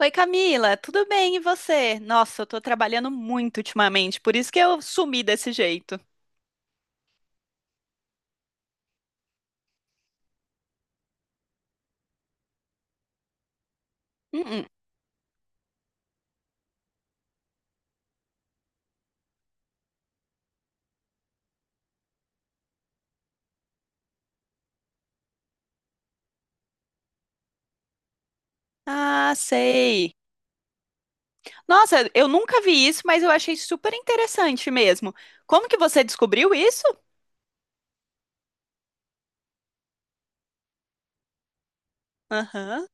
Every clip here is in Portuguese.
Oi, Camila, tudo bem e você? Nossa, eu tô trabalhando muito ultimamente, por isso que eu sumi desse jeito. Hum, hum. Ah, sei. Nossa, eu nunca vi isso, mas eu achei super interessante mesmo. Como que você descobriu isso? Aham.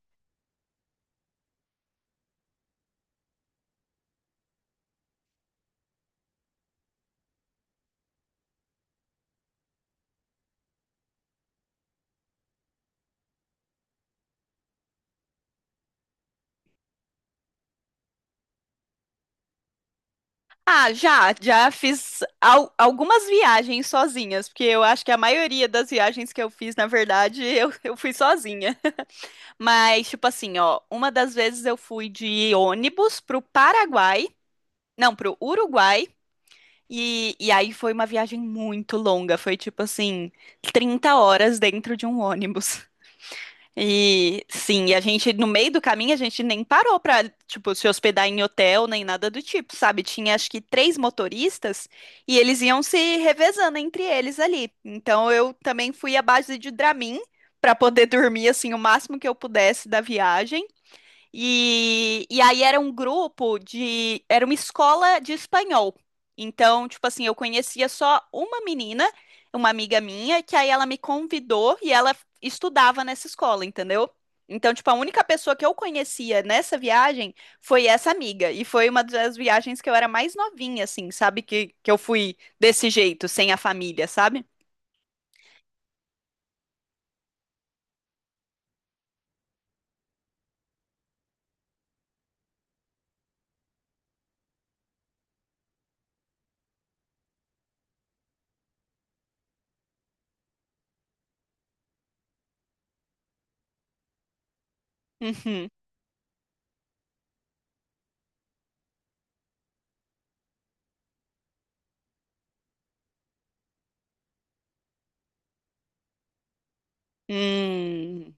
Ah, já fiz algumas viagens sozinhas, porque eu acho que a maioria das viagens que eu fiz, na verdade, eu fui sozinha. Mas, tipo assim, ó, uma das vezes eu fui de ônibus pro Paraguai, não, pro Uruguai. E aí foi uma viagem muito longa, foi tipo assim, 30 horas dentro de um ônibus. E sim, e a gente, no meio do caminho, a gente nem parou pra, tipo, se hospedar em hotel nem nada do tipo, sabe? Tinha acho que três motoristas e eles iam se revezando entre eles ali. Então eu também fui à base de Dramin pra poder dormir assim o máximo que eu pudesse da viagem. E aí era um grupo de. Era uma escola de espanhol. Então, tipo assim, eu conhecia só uma menina, uma amiga minha, que aí ela me convidou e ela estudava nessa escola, entendeu? Então, tipo, a única pessoa que eu conhecia nessa viagem foi essa amiga. E foi uma das viagens que eu era mais novinha, assim, sabe? Que eu fui desse jeito, sem a família, sabe? Uhum. Hum.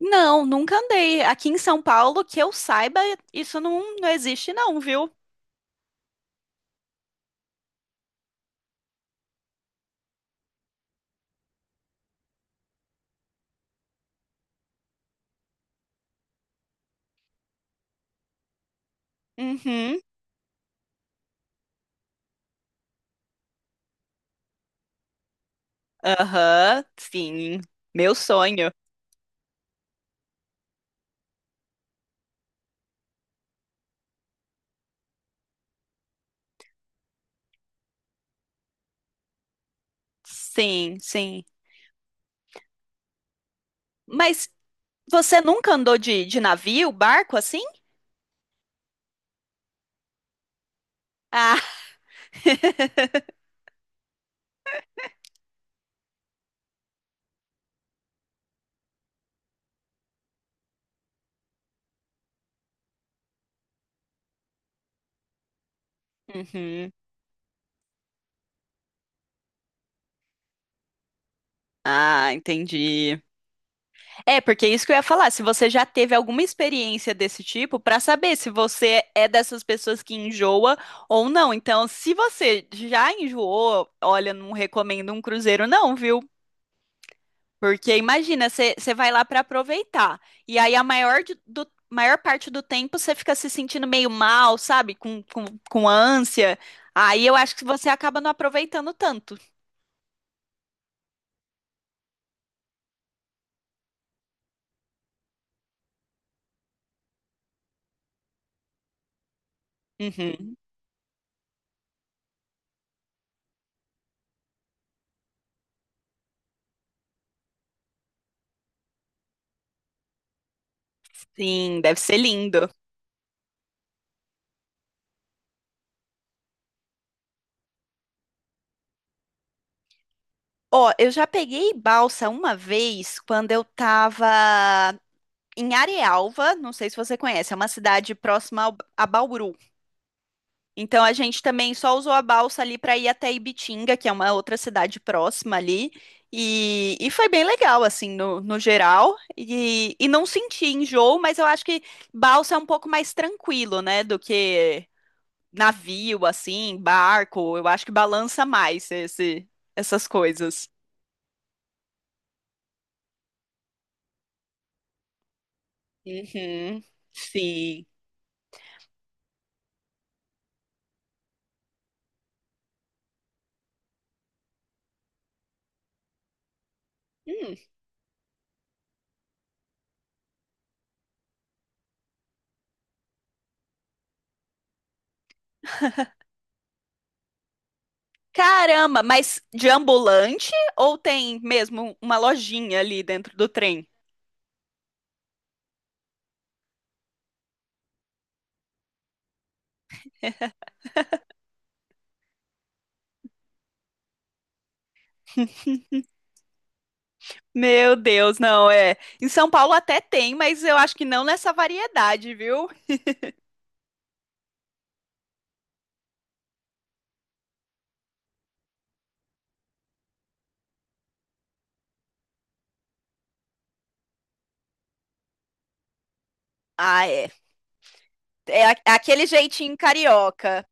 Não, nunca andei. Aqui em São Paulo, que eu saiba, isso não existe, não, viu? Uhum. Aham, sim. Meu sonho. Sim, sim. Mas você nunca andou de navio, barco assim? Ah. Uhum. Ah, entendi. É, porque é isso que eu ia falar, se você já teve alguma experiência desse tipo, pra saber se você é dessas pessoas que enjoa ou não. Então, se você já enjoou, olha, não recomendo um cruzeiro não, viu? Porque imagina, você vai lá pra aproveitar. E aí a maior do maior parte do tempo você fica se sentindo meio mal, sabe? Com ânsia. Aí eu acho que você acaba não aproveitando tanto. Uhum. Sim, deve ser lindo. Ó, eu já peguei balsa uma vez quando eu tava em Arealva, não sei se você conhece, é uma cidade próxima a Bauru. Então a gente também só usou a balsa ali pra ir até Ibitinga, que é uma outra cidade próxima ali. E foi bem legal, assim, no geral. E não senti enjoo, mas eu acho que balsa é um pouco mais tranquilo, né, do que navio, assim, barco. Eu acho que balança mais essas coisas. Uhum. Sim. Hum. Caramba, mas de ambulante ou tem mesmo uma lojinha ali dentro do trem? Meu Deus, não é. Em São Paulo até tem, mas eu acho que não nessa variedade, viu? Ah, é. É aquele jeitinho carioca.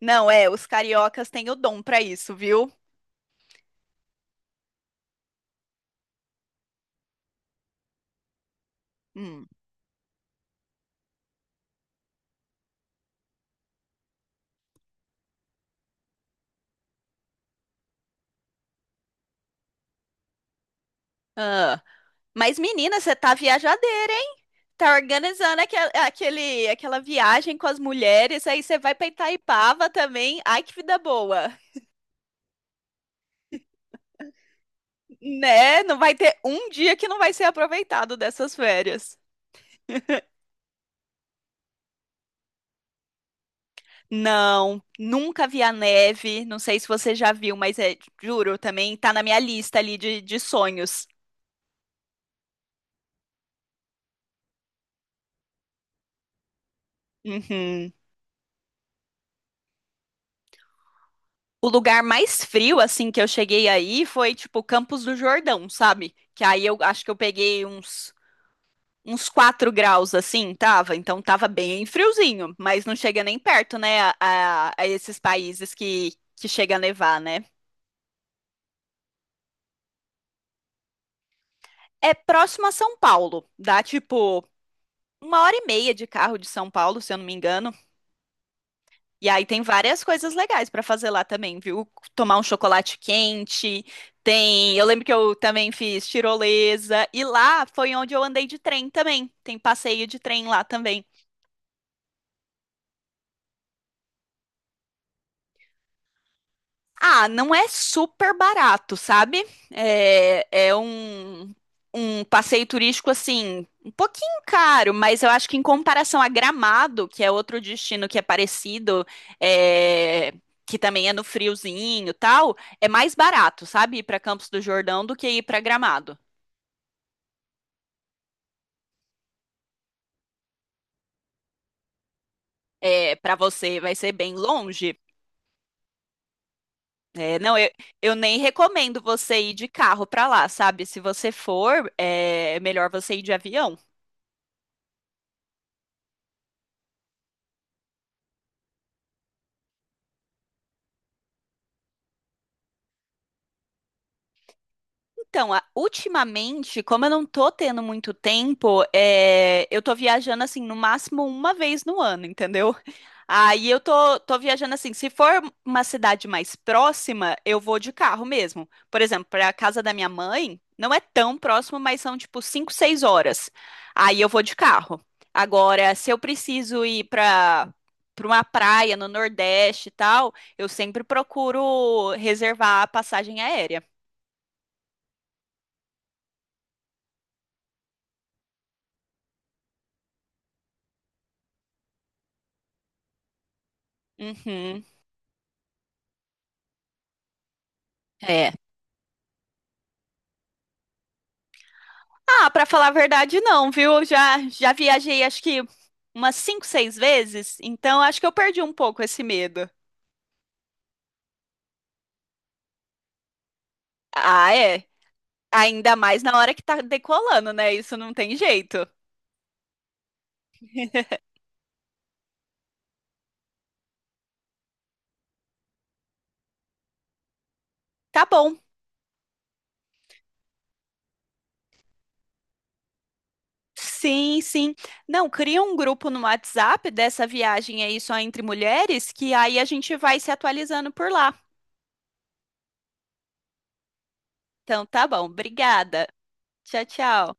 Não, é, os cariocas têm o dom pra isso, viu? Hum. Ah. Mas, menina, você tá viajadeira, hein? Tá organizando aquela viagem com as mulheres, aí você vai pra Itaipava também. Ai, que vida boa, né? Não vai ter um dia que não vai ser aproveitado dessas férias. Não, nunca vi a neve. Não sei se você já viu, mas é, juro, também tá na minha lista ali de sonhos. Uhum. O lugar mais frio, assim, que eu cheguei aí foi, tipo, Campos do Jordão, sabe? Que aí eu acho que eu peguei uns 4 graus assim, tava. Então tava bem friozinho, mas não chega nem perto, né, a esses países que chega a nevar, né? É próximo a São Paulo, dá tipo uma hora e meia de carro de São Paulo, se eu não me engano. E aí tem várias coisas legais pra fazer lá também, viu? Tomar um chocolate quente, tem. Eu lembro que eu também fiz tirolesa, e lá foi onde eu andei de trem também. Tem passeio de trem lá também. Ah, não é super barato, sabe? É um passeio turístico assim, um pouquinho caro, mas eu acho que em comparação a Gramado, que é outro destino que é parecido, é, que também é no friozinho e tal, é mais barato, sabe? Ir para Campos do Jordão do que ir para Gramado. É, para você vai ser bem longe. É, não, eu nem recomendo você ir de carro para lá, sabe? Se você for, é melhor você ir de avião. Então, ultimamente, como eu não tô tendo muito tempo, é, eu tô viajando assim no máximo uma vez no ano, entendeu? Aí eu tô viajando assim. Se for uma cidade mais próxima, eu vou de carro mesmo. Por exemplo, para a casa da minha mãe, não é tão próximo, mas são tipo 5, 6 horas. Aí eu vou de carro. Agora, se eu preciso ir para para uma praia no Nordeste e tal, eu sempre procuro reservar a passagem aérea. Uhum. É. Ah, pra falar a verdade, não, viu? Eu já viajei acho que umas cinco, seis vezes, então acho que eu perdi um pouco esse medo. Ah, é. Ainda mais na hora que tá decolando, né? Isso não tem jeito. Tá bom. Sim, sim. Não, cria um grupo no WhatsApp dessa viagem aí só entre mulheres, que aí a gente vai se atualizando por lá. Então tá bom. Obrigada. Tchau, tchau.